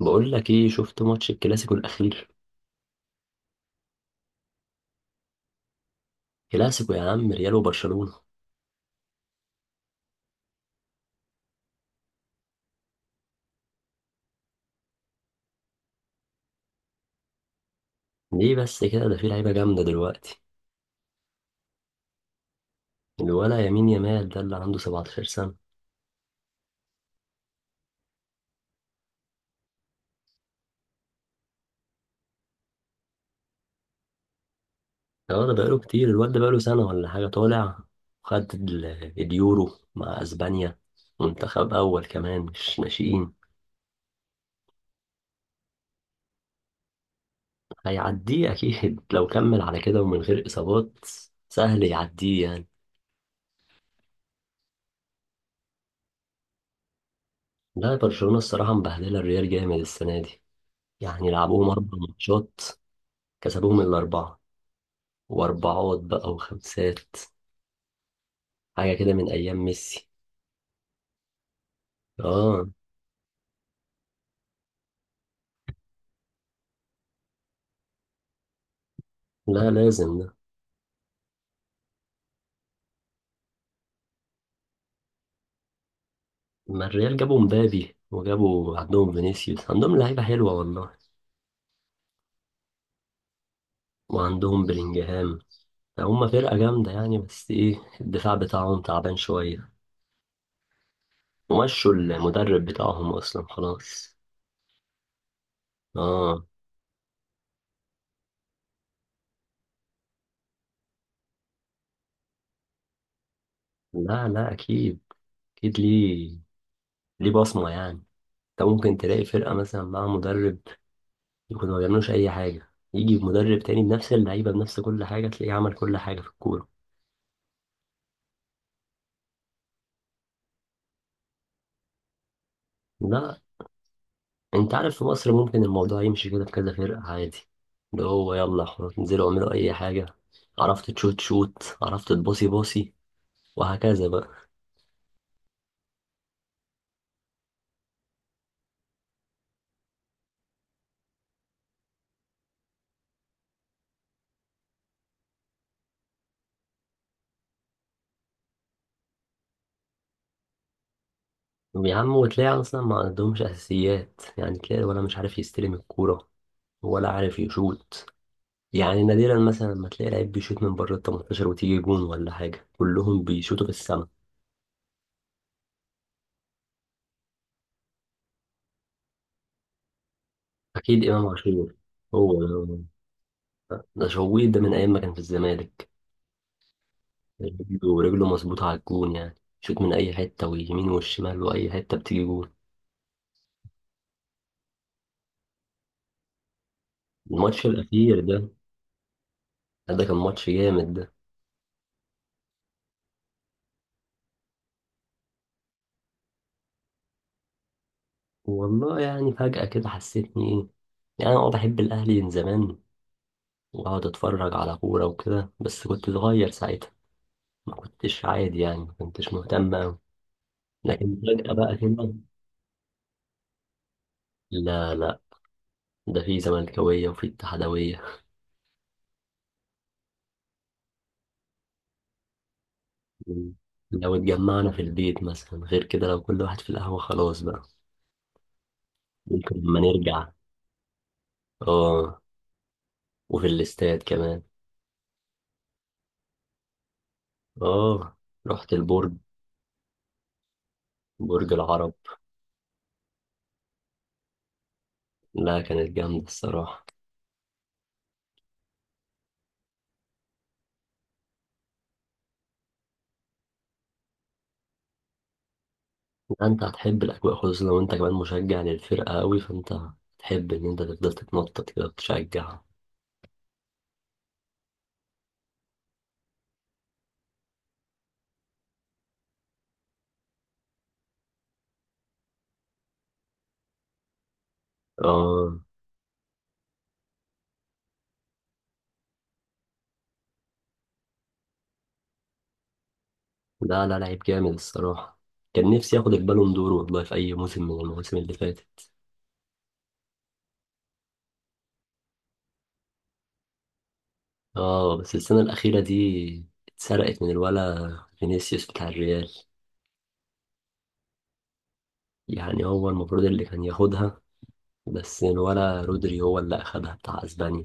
بقول لك ايه، شفت ماتش الكلاسيكو الاخير؟ كلاسيكو يا عم، ريال وبرشلونة. ليه بس كده؟ ده في لعيبه جامده دلوقتي. الولا يمين يمال ده اللي عنده 17 سنه. اه، ده بقاله كتير، الواد ده بقاله سنه ولا حاجه طالع. خد اليورو مع اسبانيا. منتخب اول كمان، مش ناشئين. هيعديه اكيد، لو كمل على كده ومن غير اصابات. سهل يعديه يعني. لا، برشلونة الصراحة مبهدلة الريال جامد السنة دي. يعني لعبوهم أربع ماتشات. كسبوهم الأربعة. واربعات بقى وخمسات. حاجة كده من ايام ميسي. اه. لا، لازم ده. ما الريال جابوا مبابي، وجابوا عندهم فينيسيوس، عندهم لعيبة حلوة والله. وعندهم بلينجهام. هم فرقة جامدة يعني، بس ايه، الدفاع بتاعهم تعبان شوية. ومشوا المدرب بتاعهم اصلا خلاص. اه. لا، لا، اكيد. اكيد ليه. ليه بصمة يعني. انت ممكن تلاقي فرقة مثلا مع مدرب يكونوا ما بيعملوش أي حاجة، يجي مدرب تاني بنفس اللعيبة بنفس كل حاجة تلاقيه عمل كل حاجة في الكورة. لا. أنت عارف، في مصر ممكن الموضوع يمشي كده في كذا فرقة عادي. اللي هو يلا خلاص انزلوا اعملوا أي حاجة. عرفت تشوت شوت، عرفت تباصي باصي. وهكذا بقى. يا عم، وتلاقي أصلا ما عندهمش أساسيات، يعني تلاقي ولا مش عارف يستلم الكورة. ولا عارف يشوت. يعني نادرا مثلا لما تلاقي لعيب بيشوت من بره ال 18 وتيجي جون ولا حاجة، كلهم بيشوتوا في السما. أكيد إمام عاشور. هو. ده شويت ده من ايام ما كان في الزمالك. رجله رجله مظبوطه على الجون يعني. شوت من اي حته، ويمين والشمال واي حته بتيجي جون. الماتش الاخير ده. ده كان ماتش جامد ده. والله يعني فجاه كده حسيتني ايه. يعني انا بحب الاهلي من زمان. واقعد اتفرج على كوره وكده، بس كنت صغير ساعتها. ما كنتش عادي يعني، ما كنتش مهتم أوي. لكن فجاه بقى كده. لا، لا. ده في زملكاويه وفي اتحادويه. لو اتجمعنا في البيت مثلا غير كده، لو كل واحد في القهوه خلاص بقى. ممكن لما نرجع. اه. وفي الاستاد كمان. اه. رحت البرج. برج العرب. لا، كانت جامدة الصراحة. لا، انت هتحب الأجواء، خصوصا لو انت كمان مشجع للفرقة قوي، فانت هتحب ان انت تفضل تتنطط كده وتشجعها. اه. لا، لا، لعيب جامد الصراحة. كان نفسي ياخد البالون دور والله في أي موسم من المواسم اللي فاتت. اه، بس السنة الأخيرة دي اتسرقت من الولا، فينيسيوس بتاع الريال. يعني هو المفروض اللي كان ياخدها. بس ولا رودري هو اللي أخدها، بتاع أسبانيا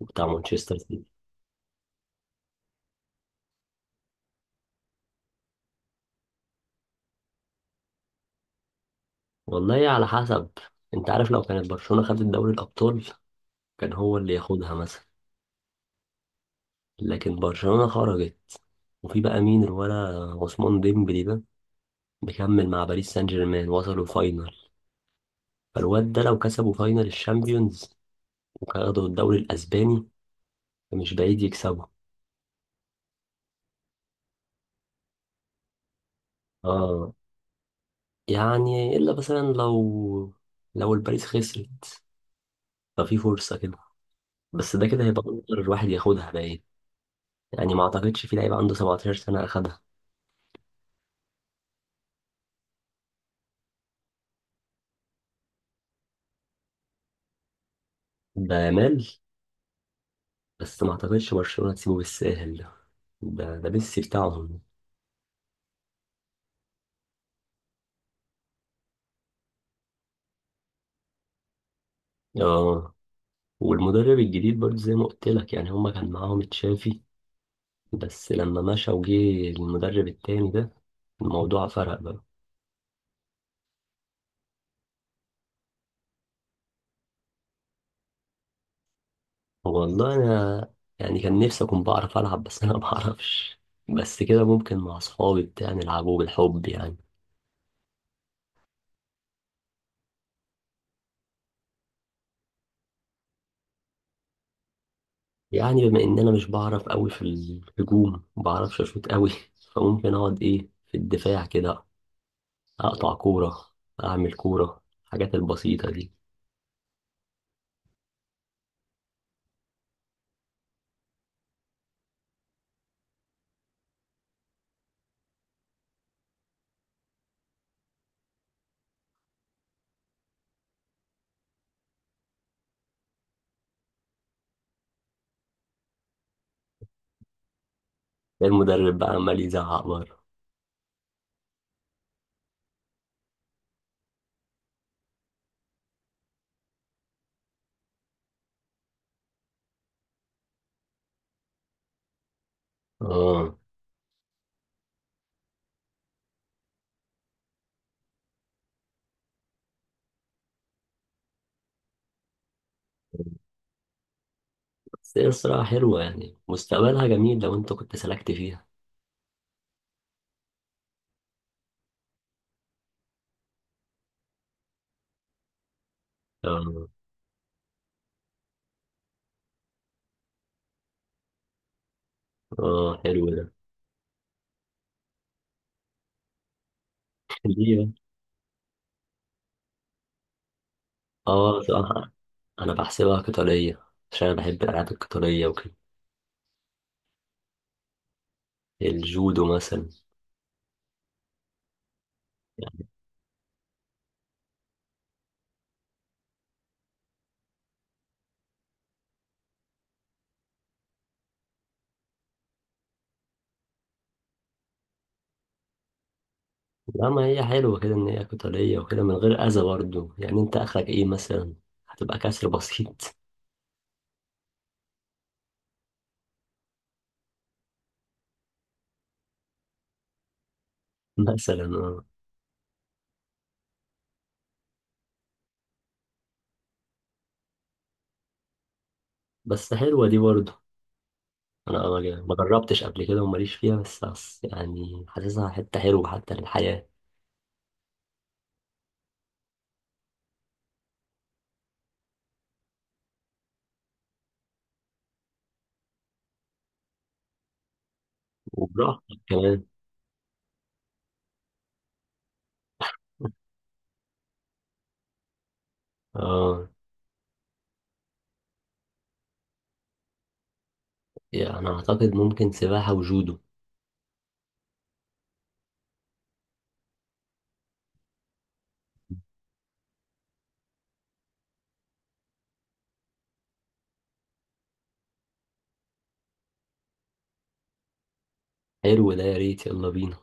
وبتاع مانشستر سيتي. والله على حسب. أنت عارف، لو كانت برشلونة خدت دوري الأبطال كان هو اللي ياخدها مثلا. لكن برشلونة خرجت. وفي بقى مين الولا، عثمان ديمبلي ده، مكمل مع باريس سان جيرمان وصلوا فاينل. فالواد ده لو كسبوا فاينل الشامبيونز وخدوا الدوري الأسباني، فمش بعيد يكسبوا. اه. يعني إلا مثلا لو الباريس خسرت ففي فرصة كده. بس ده كده هيبقى اكتر واحد ياخدها باين. يعني ما اعتقدش في لعيب عنده 17 سنه اخدها. ده مال. بس ما اعتقدش برشلونه تسيبه بالساهل. ده ميسي بتاعهم. اه. والمدرب الجديد برضه زي ما قلت لك، يعني هما كان معاهم تشافي، بس لما مشى وجه المدرب التاني ده، الموضوع فرق بقى. والله انا، يعني كان نفسي اكون بعرف العب، بس انا ما بعرفش. بس كده ممكن مع اصحابي بتاع نلعبه بالحب يعني. يعني بما ان انا مش بعرف قوي في الهجوم، ما بعرفش اشوط قوي، فممكن اقعد ايه في الدفاع كده، اقطع كوره، اعمل كوره، الحاجات البسيطه دي. المدرب بقى عمال يزعق بره. اه. بس هي الصراحه حلوه يعني، مستقبلها جميل لو انت كنت سلكت فيها. اه. اه، حلو ده. ليه بقى؟ اه، صراحه. انا بحسبها قتاليه، عشان انا بحب الالعاب القتاليه وكده. الجودو مثلا. لا، ما هي حلوة كده إن هي قتالية وكده من غير أذى برضه، يعني أنت آخرك إيه مثلا؟ هتبقى كسر بسيط. مثلا آه. بس حلوة دي برضه. أنا ما جربتش قبل كده وماليش فيها، بس يعني حاسسها حتة حلوة حتى للحياة. وبراحتك كمان. آه. يعني أنا أعتقد ممكن سباحة وجودو. حلو ده، يا ريت، يلا بينا.